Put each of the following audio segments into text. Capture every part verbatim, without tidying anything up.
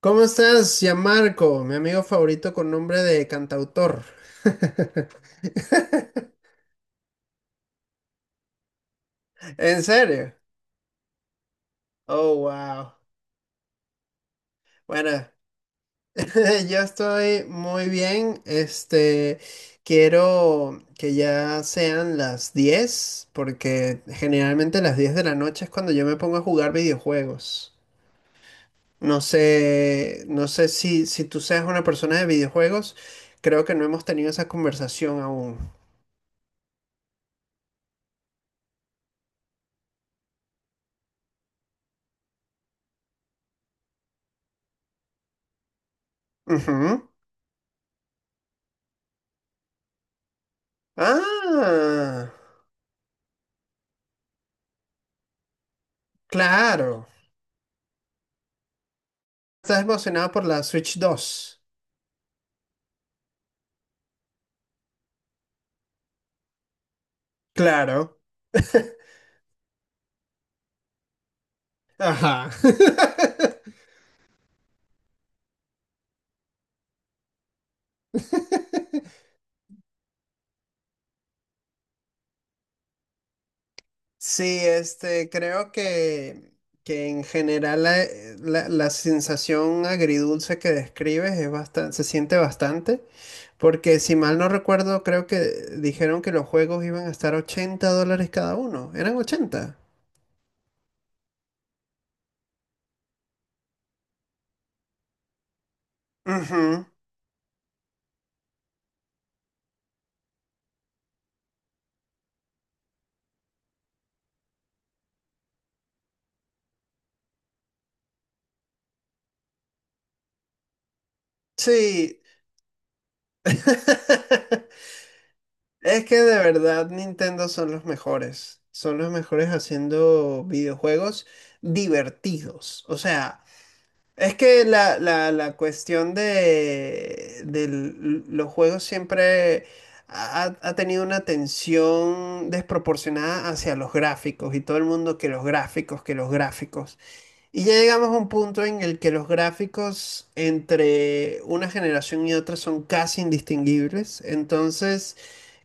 ¿Cómo estás, Gianmarco? Mi amigo favorito con nombre de cantautor. ¿En serio? Oh, wow. Bueno, yo estoy muy bien. Este, quiero que ya sean las diez porque generalmente las diez de la noche es cuando yo me pongo a jugar videojuegos. No sé, no sé si, si tú seas una persona de videojuegos. Creo que no hemos tenido esa conversación aún. Ujú. Ah, claro. ¿Estás emocionado por la Switch dos? Claro. Ajá. Sí, este, creo que, que en general la, eh, la- la sensación agridulce que describes es bastante, se siente bastante, porque si mal no recuerdo, creo que dijeron que los juegos iban a estar ochenta dólares cada uno. ¿Eran ochenta? Ujú. Sí. Es que de verdad Nintendo son los mejores. Son los mejores haciendo videojuegos divertidos. O sea, es que la, la- la cuestión de, de l- los juegos siempre ha, ha tenido una tensión desproporcionada hacia los gráficos y todo el mundo que los gráficos, que los gráficos. Y ya llegamos a un punto en el que los gráficos entre una generación y otra son casi indistinguibles. Entonces,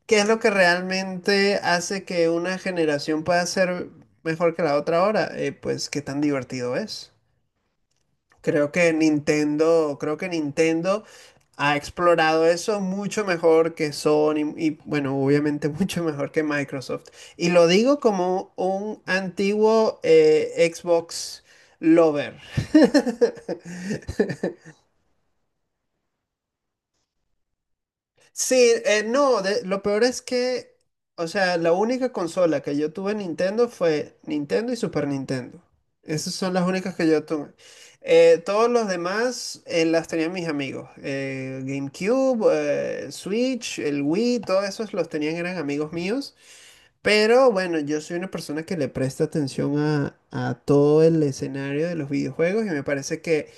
¿qué es lo que realmente hace que una generación pueda ser mejor que la otra ahora? Eh, pues qué tan divertido es. Creo que Nintendo, creo que Nintendo ha explorado eso mucho mejor que Sony y bueno, obviamente mucho mejor que Microsoft. Y lo digo como un antiguo eh, Xbox lover. Sí, eh, no, de- lo peor es que, o sea, la única consola que yo tuve Nintendo fue Nintendo y Super Nintendo. Esas son las únicas que yo tuve. Eh, todos los demás eh, las tenían mis amigos. Eh, GameCube, eh, Switch, el Wii, todos esos los tenían, eran amigos míos. Pero bueno, yo soy una persona que le presta atención a, a todo el escenario de los videojuegos y me parece que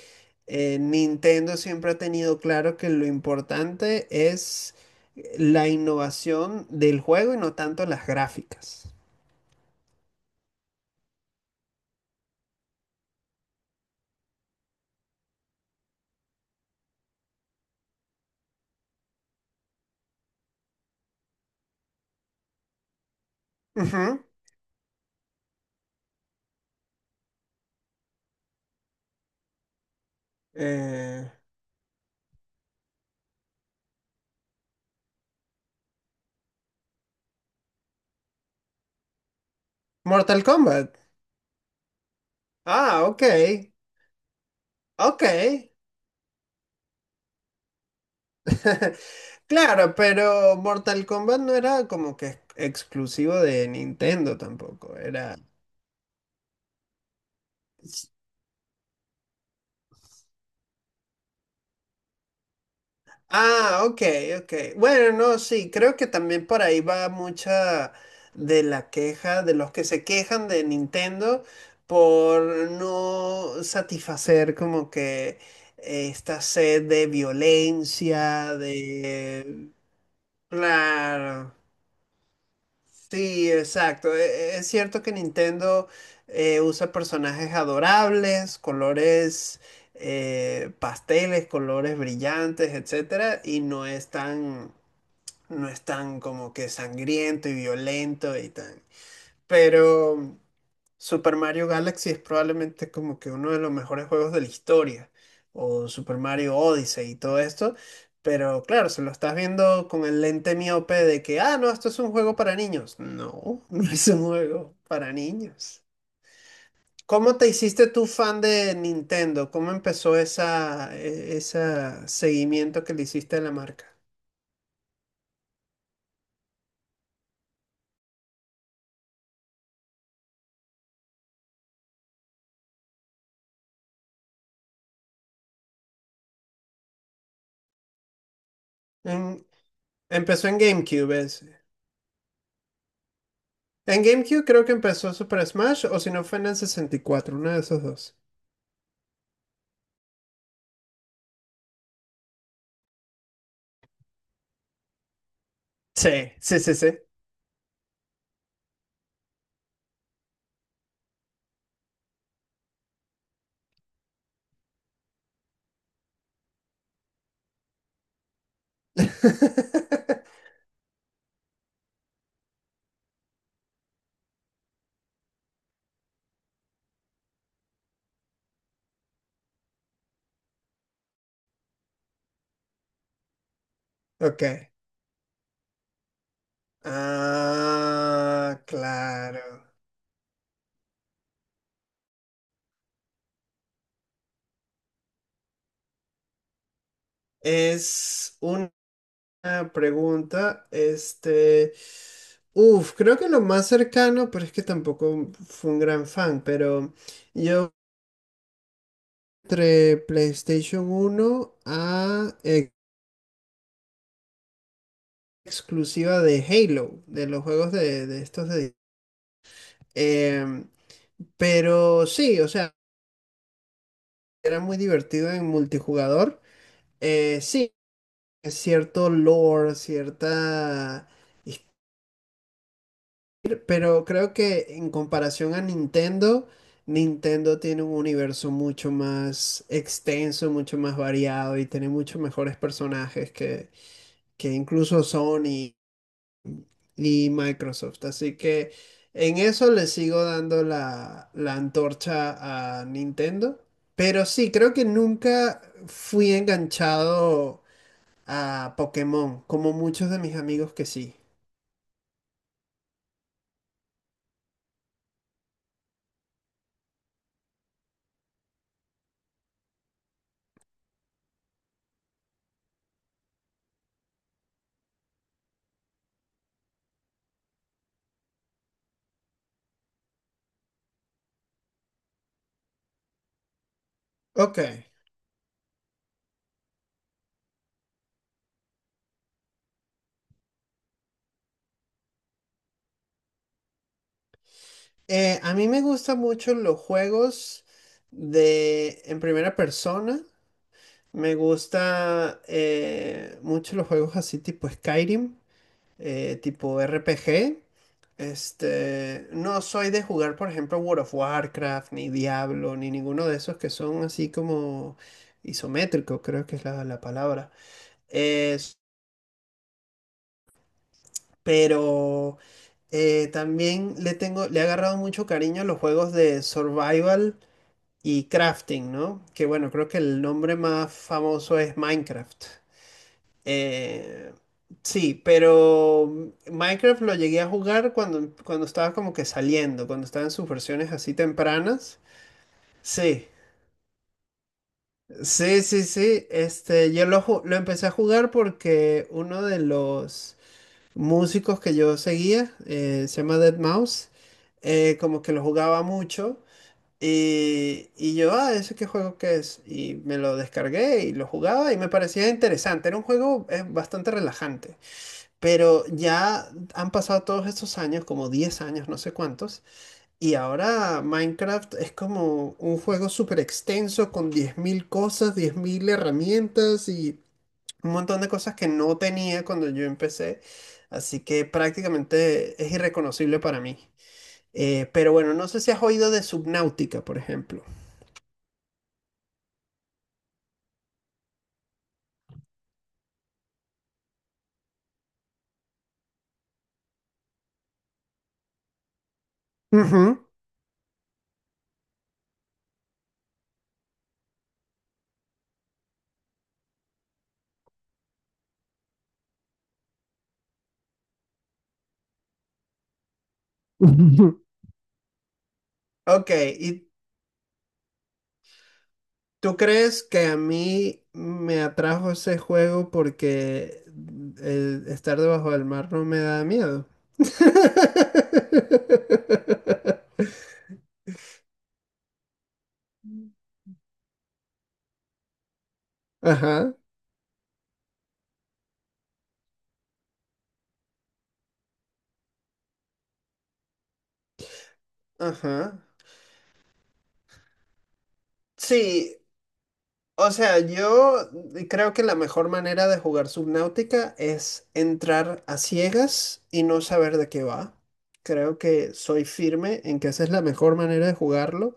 eh, Nintendo siempre ha tenido claro que lo importante es la innovación del juego y no tanto las gráficas. Ujú. Eh, Mortal Kombat. Ah, ok. Ok. Claro, pero Mortal Kombat no era como que ex- exclusivo de Nintendo tampoco. Era. Ah, ok, ok. Bueno, no, sí, creo que también por ahí va mucha de la queja de los que se quejan de Nintendo por no satisfacer como que esta sed de violencia, de... Claro, sí, exacto. E- e- Es cierto que Nintendo eh, usa personajes adorables, colores eh, pasteles, colores brillantes, etcétera, y no es tan no es tan como que sangriento y violento y tan. Pero Super Mario Galaxy es probablemente como que uno de los mejores juegos de la historia. O Super Mario Odyssey y todo esto. Pero claro, se lo estás viendo con el lente miope de que, ah, no, esto es un juego para niños. No, no es un juego para niños. ¿Cómo te hiciste tú fan de Nintendo? ¿Cómo empezó esa, e- esa seguimiento que le hiciste a la marca? En- Empezó en GameCube, es. En GameCube creo que empezó Super Smash o si no fue en el sesenta y cuatro, uno de esos dos. Sí, sí, sí, sí. Ok. Ah, claro. Es una pregunta, este... Uf, creo que lo más cercano, pero es que tampoco fue un gran fan, pero yo entre PlayStation uno a ex- exclusiva de Halo, de los juegos de, de estos de Em, pero sí, o sea, era muy divertido en multijugador. Eh, sí, es cierto lore, cierta... his- Pero creo que en comparación a Nintendo, Nintendo tiene un universo mucho más extenso, mucho más variado y tiene muchos mejores personajes que, que incluso Sony y Microsoft. Así que en eso le sigo dando la, la antorcha a Nintendo. Pero sí, creo que nunca fui enganchado a Pokémon, como muchos de mis amigos que sí. Ok, eh, a mí me gustan mucho los juegos de en primera persona. Me gusta eh, mucho los juegos así tipo Skyrim, eh, tipo R P G. Este, no soy de jugar, por ejemplo, World of Warcraft, ni Diablo, ni ninguno de esos que son así como isométricos, creo que es la, la palabra. Es- pero eh, también le tengo, le he agarrado mucho cariño a los juegos de survival y crafting, ¿no? Que bueno, creo que el nombre más famoso es Minecraft. Eh, sí, pero mm, Minecraft lo llegué a jugar cuando, cuando estaba como que saliendo, cuando estaba en sus versiones así tempranas. Sí, sí, sí, sí. Este, yo lo, ju- lo empecé a jugar porque uno de los músicos que yo seguía, eh, se llama deadmau cinco, eh, como que lo jugaba mucho. Y, y yo, ah, ¿ese qué juego que es? Y me lo descargué y lo jugaba y me parecía interesante. Era un juego eh, bastante relajante. Pero ya han pasado todos estos años, como diez años, no sé cuántos, y ahora Minecraft es como un juego súper extenso con diez mil cosas, diez mil herramientas y un montón de cosas que no tenía cuando yo empecé, así que prácticamente es irreconocible para mí. Eh, pero bueno, no sé si has oído de Subnautica, por ejemplo. Ujú. Ok, ¿y ¿tú crees que a mí me atrajo ese juego porque el estar debajo del mar no me da miedo? Ajá, ajá. Sí, o sea, yo creo que la mejor manera de jugar Subnautica es entrar a ciegas y no saber de qué va. Creo que soy firme en que esa es la mejor manera de jugarlo.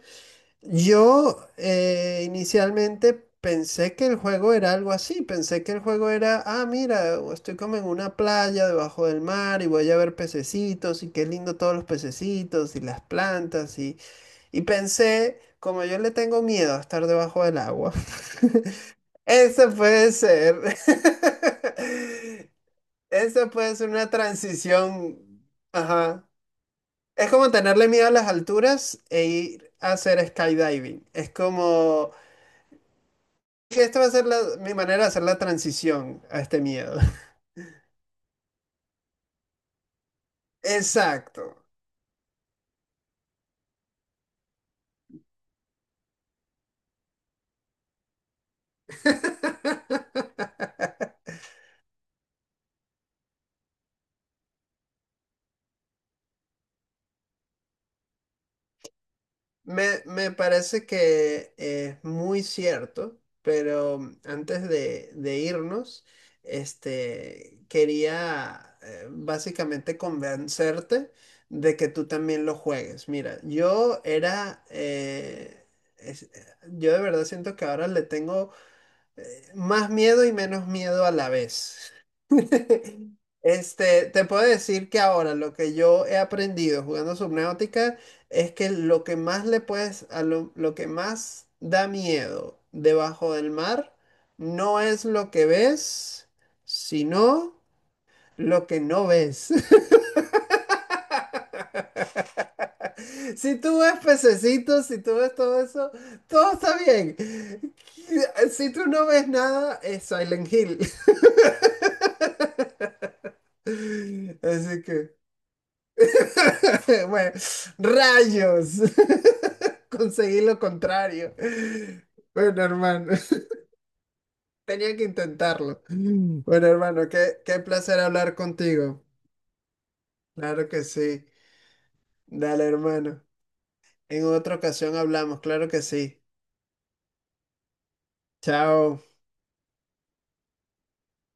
Yo eh, inicialmente pensé que el juego era algo así, pensé que el juego era, ah, mira, estoy como en una playa debajo del mar y voy a ver pececitos y qué lindo todos los pececitos y las plantas y, y pensé, como yo le tengo miedo a estar debajo del agua, eso puede ser, eso puede ser una transición, ajá. Es como tenerle miedo a las alturas e ir a hacer skydiving. Es como que esta va a ser la- mi manera de hacer la transición a este miedo. Exacto. Me, me parece que es muy cierto, pero mm, antes de, de irnos, este, quería eh, básicamente convencerte de que tú también lo juegues. Mira, yo era, eh, es- eh, yo de verdad siento que ahora le tengo más miedo y menos miedo a la vez. Este, te puedo decir que ahora lo que yo he aprendido jugando Subnautica es que lo que más le puedes, a lo, lo que más da miedo debajo del mar no es lo que ves, sino lo que no ves. Si tú ves pececitos, si tú ves todo eso, todo está bien. Si tú no ves nada, es Silent Hill. Así que, bueno, rayos, conseguí lo contrario. Bueno, hermano, tenía que intentarlo. Bueno, hermano, qué, qué placer hablar contigo. Claro que sí. Dale, hermano. En otra ocasión hablamos, claro que sí. Chao.